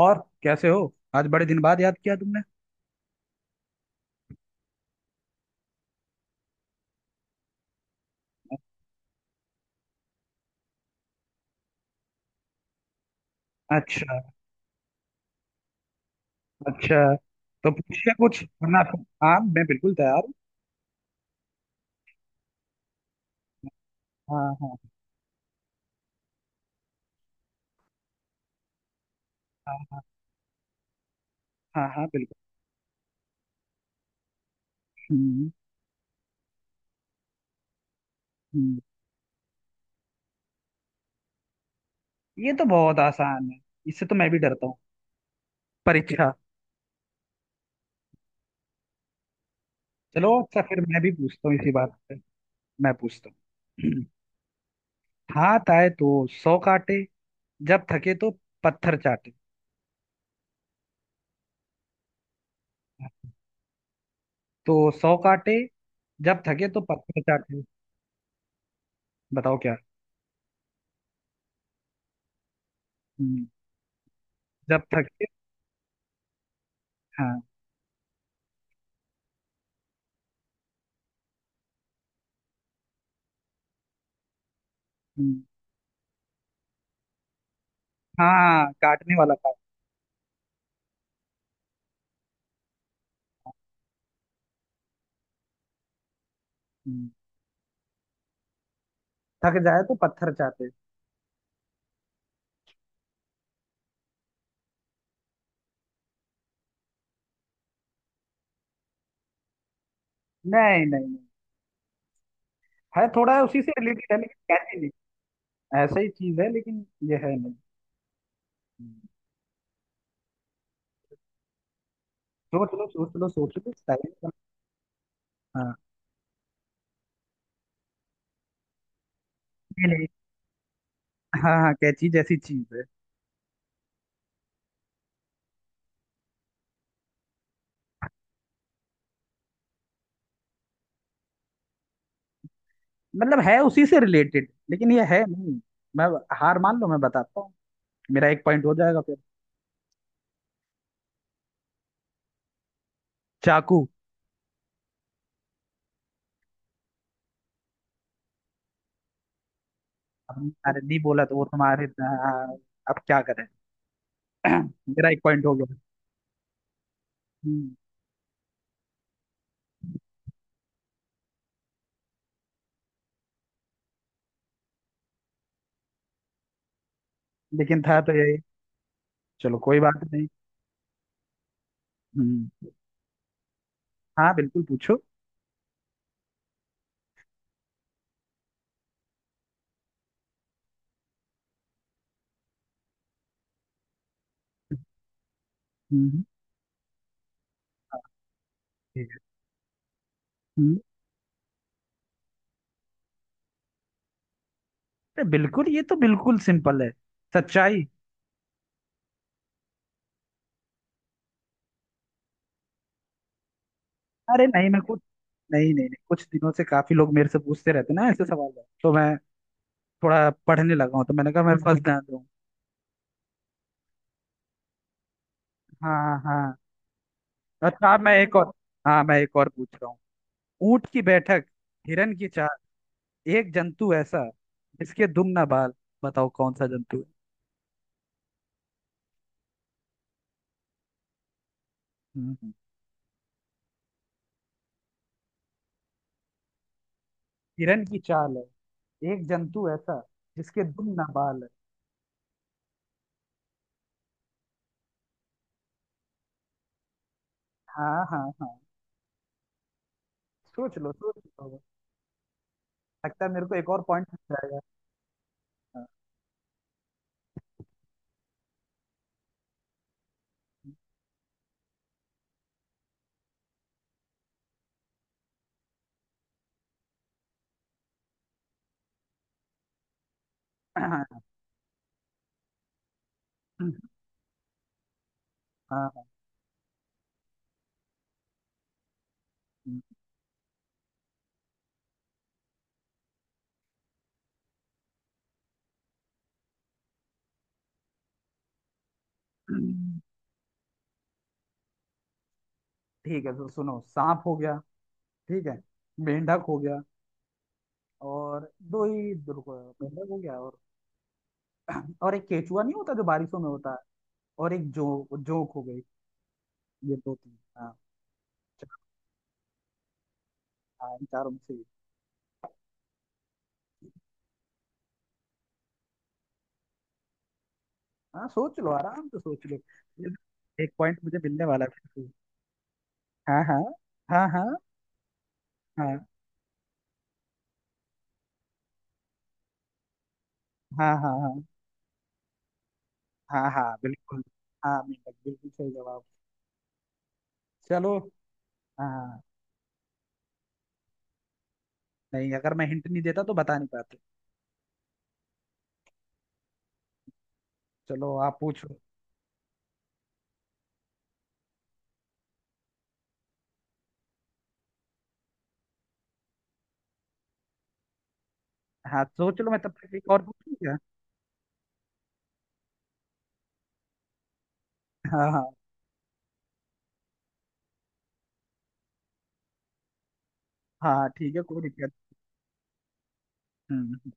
और कैसे हो, आज बड़े दिन बाद याद किया तुमने। अच्छा। अच्छा। तो पूछिए कुछ वरना। हाँ, मैं बिल्कुल तैयार हूँ। हाँ हाँ। हाँ हाँ। हाँ हाँ बिल्कुल। हम्म। हम्म। ये तो बहुत आसान है। इससे तो मैं भी डरता हूँ। परीक्षा। चलो अच्छा, फिर मैं भी पूछता हूँ इसी बात पे। मैं पूछता हूँ। हाथ आए तो 100 काटे, जब थके तो पत्थर चाटे। तो 100 काटे, जब थके तो पत्थर चाटे। बताओ क्या। हम्म, जब थके। हाँ। हम्म, हाँ, काटने वाला था। थक जाए तो पत्थर चाहते। नहीं नहीं नहीं, है थोड़ा उसी से रिलेटेड है लेकिन कैसी नहीं। ऐसा ही चीज है लेकिन ये है नहीं। हम्म। सोच लो, सोच लो, सोच लो स्टाइल। हाँ, ये नहीं। हाँ हाँ, कैची जैसी चीज है। मतलब है उसी से रिलेटेड लेकिन ये है नहीं। मैं, हार मान लो मैं बताता हूँ। मेरा एक पॉइंट हो जाएगा फिर। चाकू। अब अरे नहीं बोला तो वो तुम्हारे, हाँ, अब क्या करें। मेरा एक पॉइंट हो गया। हम्म, लेकिन था तो यही। चलो कोई बात नहीं। हम्म। हाँ बिल्कुल पूछो। हम्म। हम्म। ठीक है। हम्म, बिल्कुल ये तो बिल्कुल सिंपल है। सच्चाई। अरे नहीं मैं कुछ, नहीं नहीं नहीं, कुछ दिनों से काफी लोग मेरे से पूछते रहते ना ऐसे सवाल। तो मैं थोड़ा पढ़ने लगा हूँ, तो मैंने कहा मैं फर्स्ट ध्यान दूँ। हाँ हाँ। अच्छा, अब मैं एक और, हाँ मैं एक और पूछ रहा हूँ। ऊंट की बैठक, हिरन की चाल, एक जंतु ऐसा जिसके दुम ना बाल। बताओ कौन सा जंतु है। हम्म, हम्म। हिरन की चाल है, एक जंतु ऐसा जिसके दुम ना बाल है। हाँ हाँ हाँ। सोच लो, सोच लो। लगता है मेरे को एक और पॉइंट मिल जाएगा। हाँ। हाँ, हाँ, हाँ, हाँ, हाँ, हम्म, ठीक है तो सुनो, सांप हो गया, ठीक है, मेंढक हो गया और, दो ही रुको, मेंढक हो गया और और एक केचुआ नहीं होता जो बारिशों में होता है, और एक जो जोंक हो गई। ये दो तीन, हाँ, चार। हाँ, इन चारों में से एक। हाँ सोच लो, आराम से सोच लो। एक पॉइंट मुझे मिलने वाला है फिर से। हाँ हाँ हाँ हाँ हाँ हाँ हाँ हाँ हाँ हाँ बिल्कुल। हाँ, मेंढक बिल्कुल सही जवाब। चलो। हाँ, नहीं अगर मैं हिंट नहीं देता तो बता नहीं पाते। चलो आप पूछो। हाँ, सोच लो मैं तब तक एक और पूछूं क्या। हाँ हाँ। हाँ, ठीक है, कोई दिक्कत। हम्म।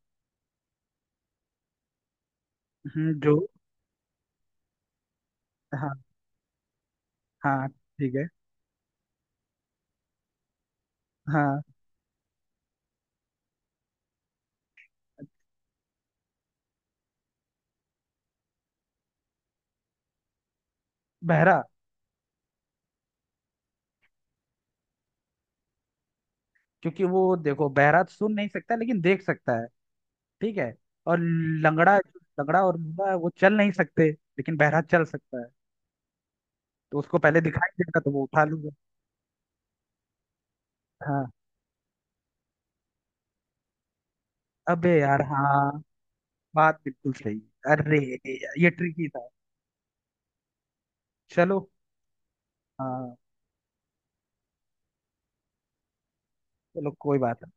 जो। हाँ। हाँ ठीक है। हाँ, बहरा। क्योंकि वो देखो, बहरा तो सुन नहीं सकता लेकिन देख सकता है। ठीक है। और लंगड़ा, लंगड़ा और लूला है, वो चल नहीं सकते लेकिन बहरा चल सकता है। तो उसको पहले दिखाई देगा तो वो उठा लूगा। हाँ, अबे यार हाँ। बात बिल्कुल सही है। अरे यार, ये ट्रिकी था। चलो। हाँ। चलो कोई बात नहीं।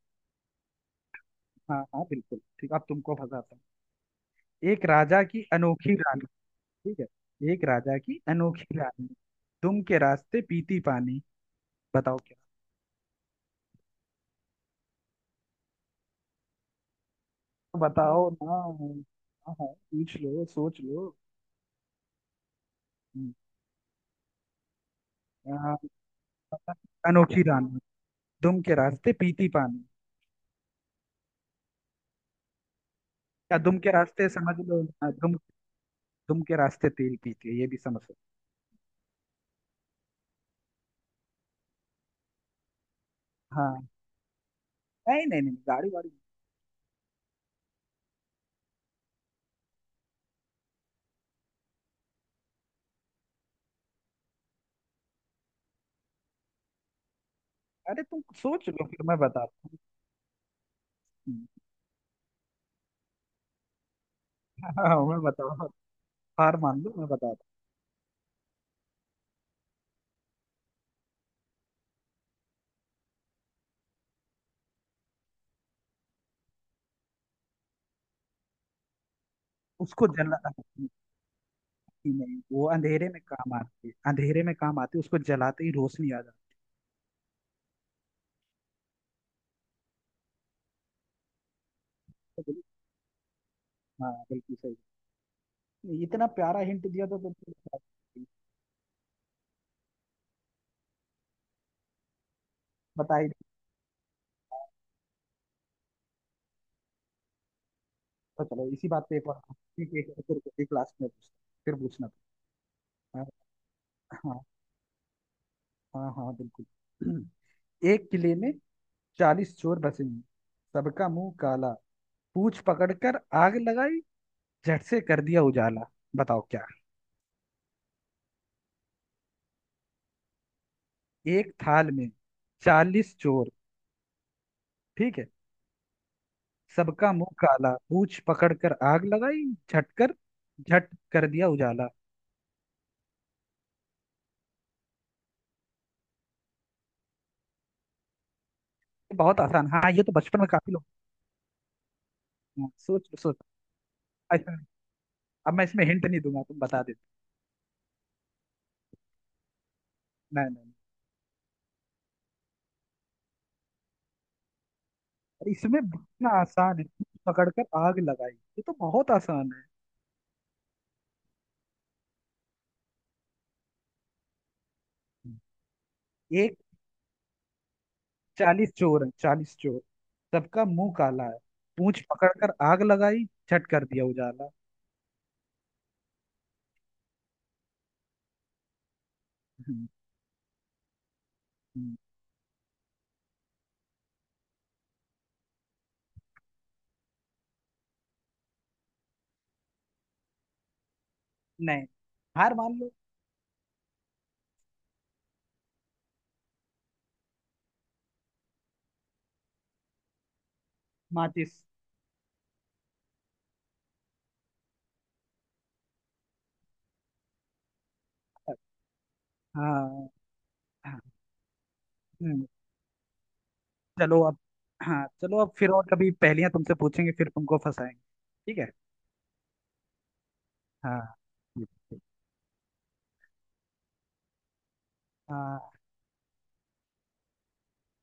हाँ हाँ बिल्कुल ठीक, अब तुमको फंसाता हूँ। एक राजा की अनोखी रानी। ठीक है। एक राजा की अनोखी रानी, तुम के रास्ते पीती पानी। बताओ क्या। बताओ ना। हाँ हाँ, पूछ लो, सोच लो। हम्म, आ, पता नहीं, अनोखी रानी, दुम के रास्ते पीती पानी। या दुम के रास्ते समझ लो, दुम, दुम के रास्ते तेल पीती है ये भी समझ सकते। हाँ, नहीं नहीं नहीं गाड़ी वाड़ी। अरे तुम सोच लो फिर मैं बताता हूँ। हाँ, हाँ, मैं बताता हूँ, हार मान लो मैं बताता हूँ। उसको जला, नहीं नहीं, वो अंधेरे में काम आती है, अंधेरे में काम आती है, उसको जलाते ही रोशनी आ जाती है तो बिल्कुल। हाँ बिल्कुल सही, इतना प्यारा हिंट दिया तो तुमने, बता ही नहीं पाया। तो चलो इसी बात पे एक और, हाँ, ठीक है, एक और फिर क्लास में पूछता, फिर पूछना। हाँ हाँ। हाँ हाँ, बिल्कुल। एक किले में 40 चोर बसे हैं, सबका मुंह काला, पूंछ पकड़कर आग लगाई, झट से कर दिया उजाला। बताओ क्या। एक थाल में 40 चोर, ठीक है, सबका मुंह काला, पूंछ पकड़ कर आग लगाई, झटकर, झट कर दिया उजाला। ये बहुत आसान, हाँ ये तो बचपन में काफी लोग। हाँ, सोच सोच। ऐसा नहीं। अब मैं इसमें हिंट नहीं दूंगा, तुम बता देते। नहीं नहीं नहीं। अरे इसमें इतना आसान है, पूंछ पकड़ कर आग लगाई, ये तो बहुत आसान है। एक चालीस चोर है, चालीस चोर, सबका मुंह काला है, पूंछ पकड़ कर आग लगाई, झट कर दिया उजाला। हम्म, हम्म। नहीं, हार मान लो। माचिस। हाँ, हाँ, हम्म। चलो अब, हाँ चलो अब फिर और कभी पहेलियां तुमसे पूछेंगे, फिर तुमको फंसाएंगे। ठीक है। हाँ। ठीक, ठीक। हाँ।